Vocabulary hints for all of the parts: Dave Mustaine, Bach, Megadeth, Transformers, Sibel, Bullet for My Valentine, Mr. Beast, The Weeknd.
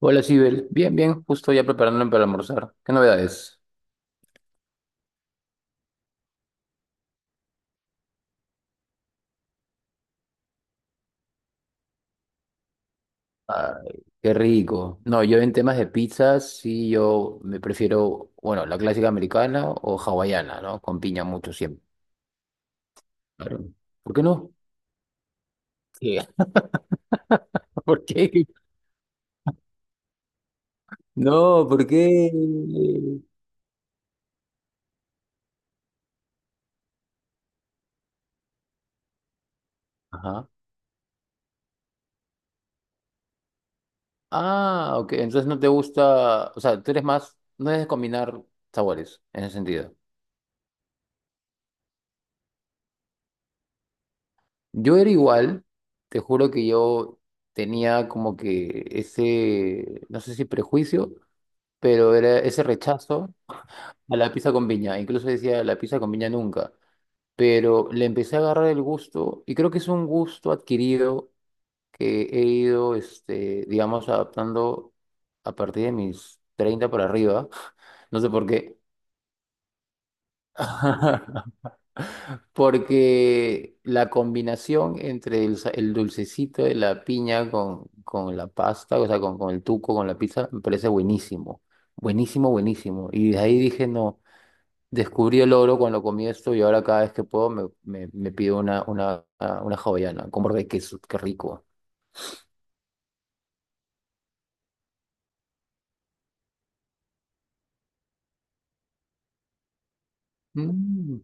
Hola, Sibel. Bien, bien, justo ya preparándome para almorzar. ¿Qué novedades? Ay, qué rico. No, yo en temas de pizzas, sí, yo me prefiero, bueno, la clásica americana o hawaiana, ¿no? Con piña mucho siempre. Claro. ¿Por qué no? Sí. ¿Por qué? No, ¿por qué? Ajá. Ah, ok. Entonces no te gusta, o sea, tú eres más, no es de combinar sabores en ese sentido. Yo era igual, te juro que yo tenía como que ese, no sé si prejuicio, pero era ese rechazo a la pizza con piña. Incluso decía la pizza con piña nunca, pero le empecé a agarrar el gusto y creo que es un gusto adquirido que he ido, digamos, adaptando a partir de mis 30 para arriba. No sé por qué. Porque la combinación entre el, el dulcecito de la piña con la pasta, o sea, con el tuco, con la pizza, me parece buenísimo. Buenísimo, buenísimo. Y de ahí dije, no, descubrí el oro cuando comí esto y ahora cada vez que puedo me pido una hawaiana con borde de queso, qué rico. Mm,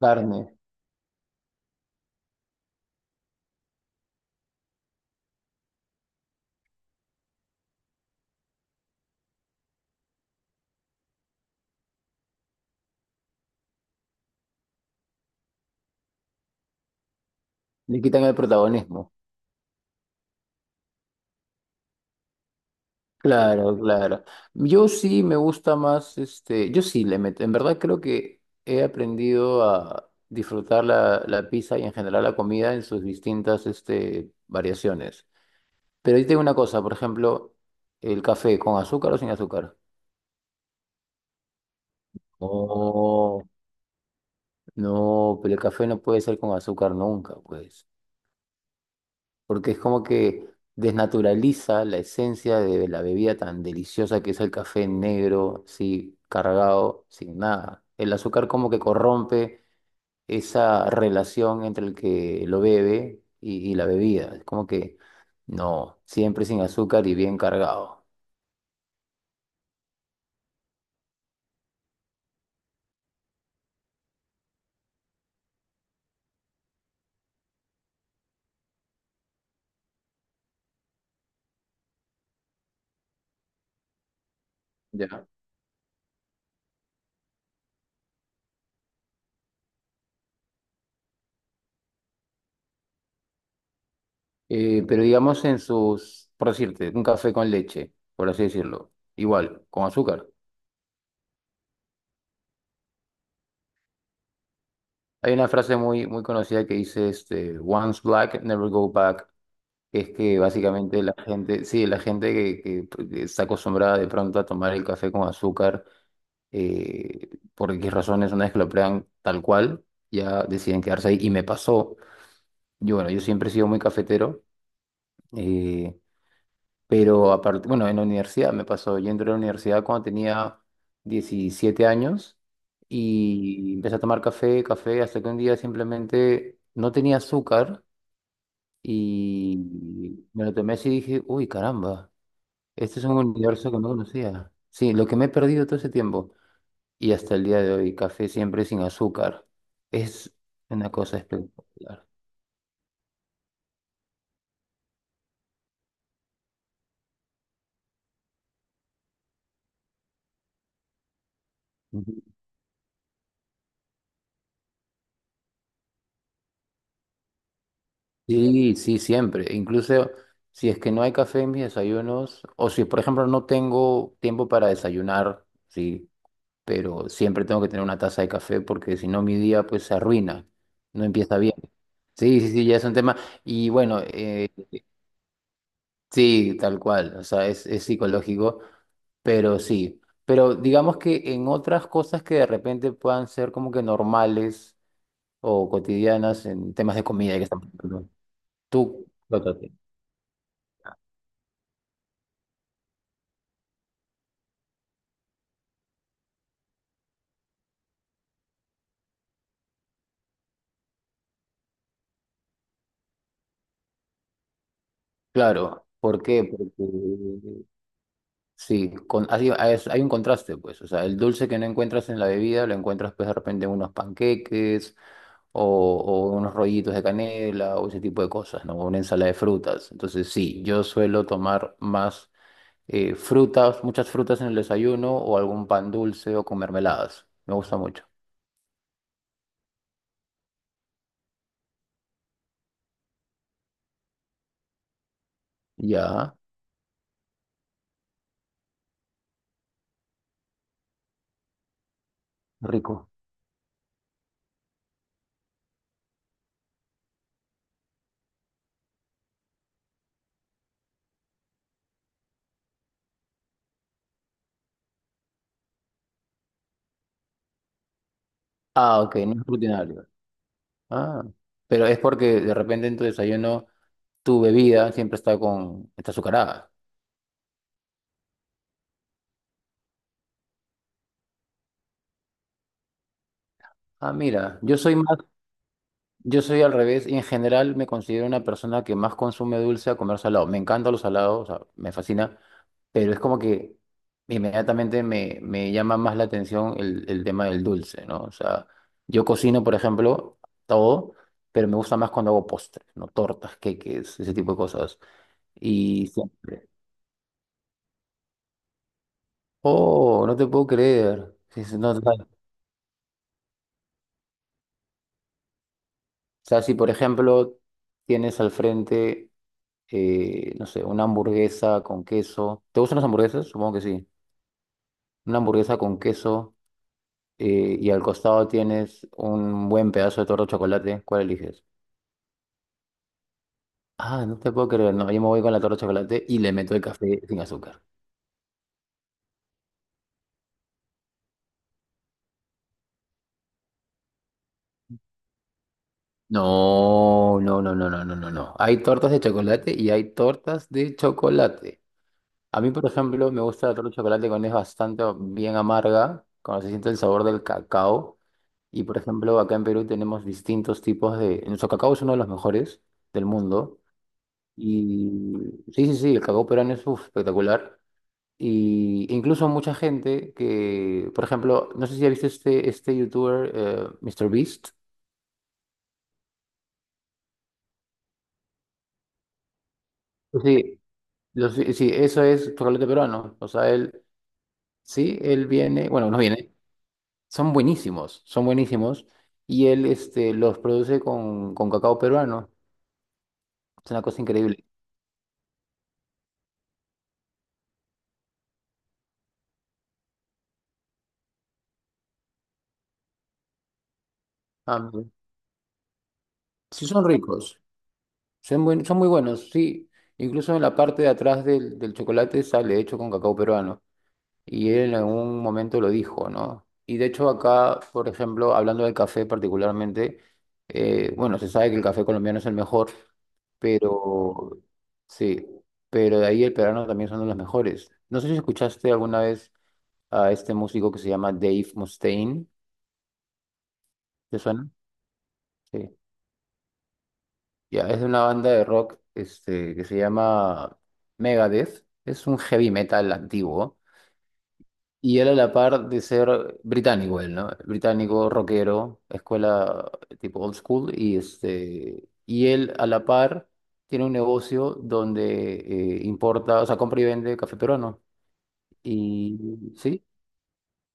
carne, le quitan el protagonismo. Claro, claro. Yo sí me gusta más, este, yo sí le meto, en verdad creo que he aprendido a disfrutar la pizza y en general la comida en sus distintas, este, variaciones. Pero yo tengo una cosa, por ejemplo, el café, ¿con azúcar o sin azúcar? Oh, no, pero el café no puede ser con azúcar nunca, pues. Porque es como que desnaturaliza la esencia de la bebida tan deliciosa que es el café negro, así cargado, sin nada. El azúcar como que corrompe esa relación entre el que lo bebe y la bebida. Es como que no, siempre sin azúcar y bien cargado. Ya. Pero digamos en sus, por decirte, un café con leche, por así decirlo, igual, con azúcar. Hay una frase muy, muy conocida que dice, este, Once black, never go back. Es que básicamente la gente, sí, la gente que, pues, que está acostumbrada de pronto a tomar el café con azúcar, eh, por X razones, una vez que lo prueban tal cual, ya deciden quedarse ahí. Y me pasó, yo, bueno, yo siempre he sido muy cafetero, eh, pero aparte, bueno, en la universidad me pasó, yo entré a la universidad cuando tenía 17 años y empecé a tomar café, café, hasta que un día simplemente no tenía azúcar y me lo tomé así y dije, uy, caramba. Este es un universo que no conocía. Sí, lo que me he perdido todo ese tiempo y hasta el día de hoy, café siempre sin azúcar, es una cosa espectacular. Ujú. Sí, sí, siempre. Incluso si es que no hay café en mis desayunos, o si por ejemplo no tengo tiempo para desayunar, sí, pero siempre tengo que tener una taza de café porque si no mi día pues se arruina, no empieza bien. Sí, sí, sí, ya es un tema. Y bueno, sí, tal cual, o sea, es psicológico. Pero sí, pero digamos que en otras cosas que de repente puedan ser como que normales o cotidianas en temas de comida que estamos hablando, tú, Lótate. Claro, ¿por qué? Porque sí, con, hay un contraste, pues, o sea, el dulce que no encuentras en la bebida lo encuentras pues de repente en unos panqueques o unos rollitos de canela o ese tipo de cosas, ¿no? Una ensalada de frutas. Entonces sí, yo suelo tomar más frutas, muchas frutas en el desayuno o algún pan dulce o con mermeladas. Me gusta mucho. Ya, rico. Ah, ok, no es rutinario. Ah, pero es porque de repente en tu desayuno tu bebida siempre está con, está azucarada. Ah, mira, yo soy más. Yo soy al revés y en general me considero una persona que más consume dulce a comer salado. Me encantan los salados, o sea, me fascina, pero es como que inmediatamente me llama más la atención el tema del dulce, ¿no? O sea, yo cocino, por ejemplo, todo, pero me gusta más cuando hago postres, ¿no? Tortas, queques, ese tipo de cosas. Y siempre. Oh, no te puedo creer. No, o sea, si por ejemplo tienes al frente. No sé, una hamburguesa con queso. ¿Te gustan las hamburguesas? Supongo que sí. Una hamburguesa con queso, y al costado tienes un buen pedazo de torta de chocolate. ¿Cuál eliges? Ah, no te puedo creer. No, yo me voy con la torta de chocolate y le meto el café sin azúcar. No, no, no, no, no, no, no, no. Hay tortas de chocolate y hay tortas de chocolate. A mí, por ejemplo, me gusta la torta de chocolate cuando es bastante bien amarga, cuando se siente el sabor del cacao. Y por ejemplo, acá en Perú tenemos distintos tipos de... Nuestro cacao es uno de los mejores del mundo. Y sí, sí, sí, el cacao peruano es uf, espectacular. Y incluso mucha gente que, por ejemplo, no sé si has visto este youtuber, Mr. Beast. Sí, sí, eso es chocolate peruano. O sea, él, sí, él viene, bueno, no viene, son buenísimos, son buenísimos. Y él los produce con cacao peruano. Es una cosa increíble. Ah, sí, son ricos. Son muy buenos, sí. Incluso en la parte de atrás del chocolate sale hecho con cacao peruano. Y él en algún momento lo dijo, ¿no? Y de hecho acá, por ejemplo, hablando del café particularmente, bueno, se sabe que el café colombiano es el mejor, pero sí, pero de ahí el peruano también son de los mejores. No sé si escuchaste alguna vez a este músico que se llama Dave Mustaine, ¿te suena? Sí. Ya, es de una banda de rock que se llama Megadeth. Es un heavy metal antiguo. Y él a la par de ser británico, él, ¿no? Británico, rockero, escuela tipo old school. Y, y él a la par tiene un negocio donde importa, o sea, compra y vende café peruano. Y sí,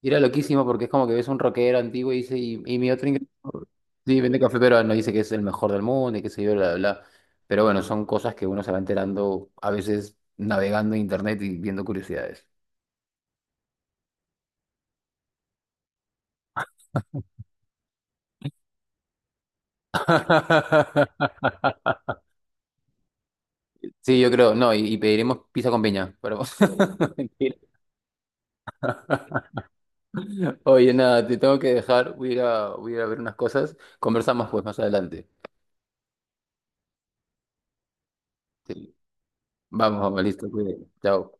y era loquísimo porque es como que ves un rockero antiguo y dice, y mi otro ingreso, sí, vende café peruano, dice que es el mejor del mundo y que se yo, bla, bla, bla. Pero bueno, son cosas que uno se va enterando a veces navegando en internet y viendo curiosidades. Sí, yo creo, no, y pediremos pizza con piña, pero mentira. Oye, nada, te tengo que dejar, voy a ir a ver unas cosas, conversamos pues más adelante. Sí. Vamos, vamos, listo, cuídate. Chao.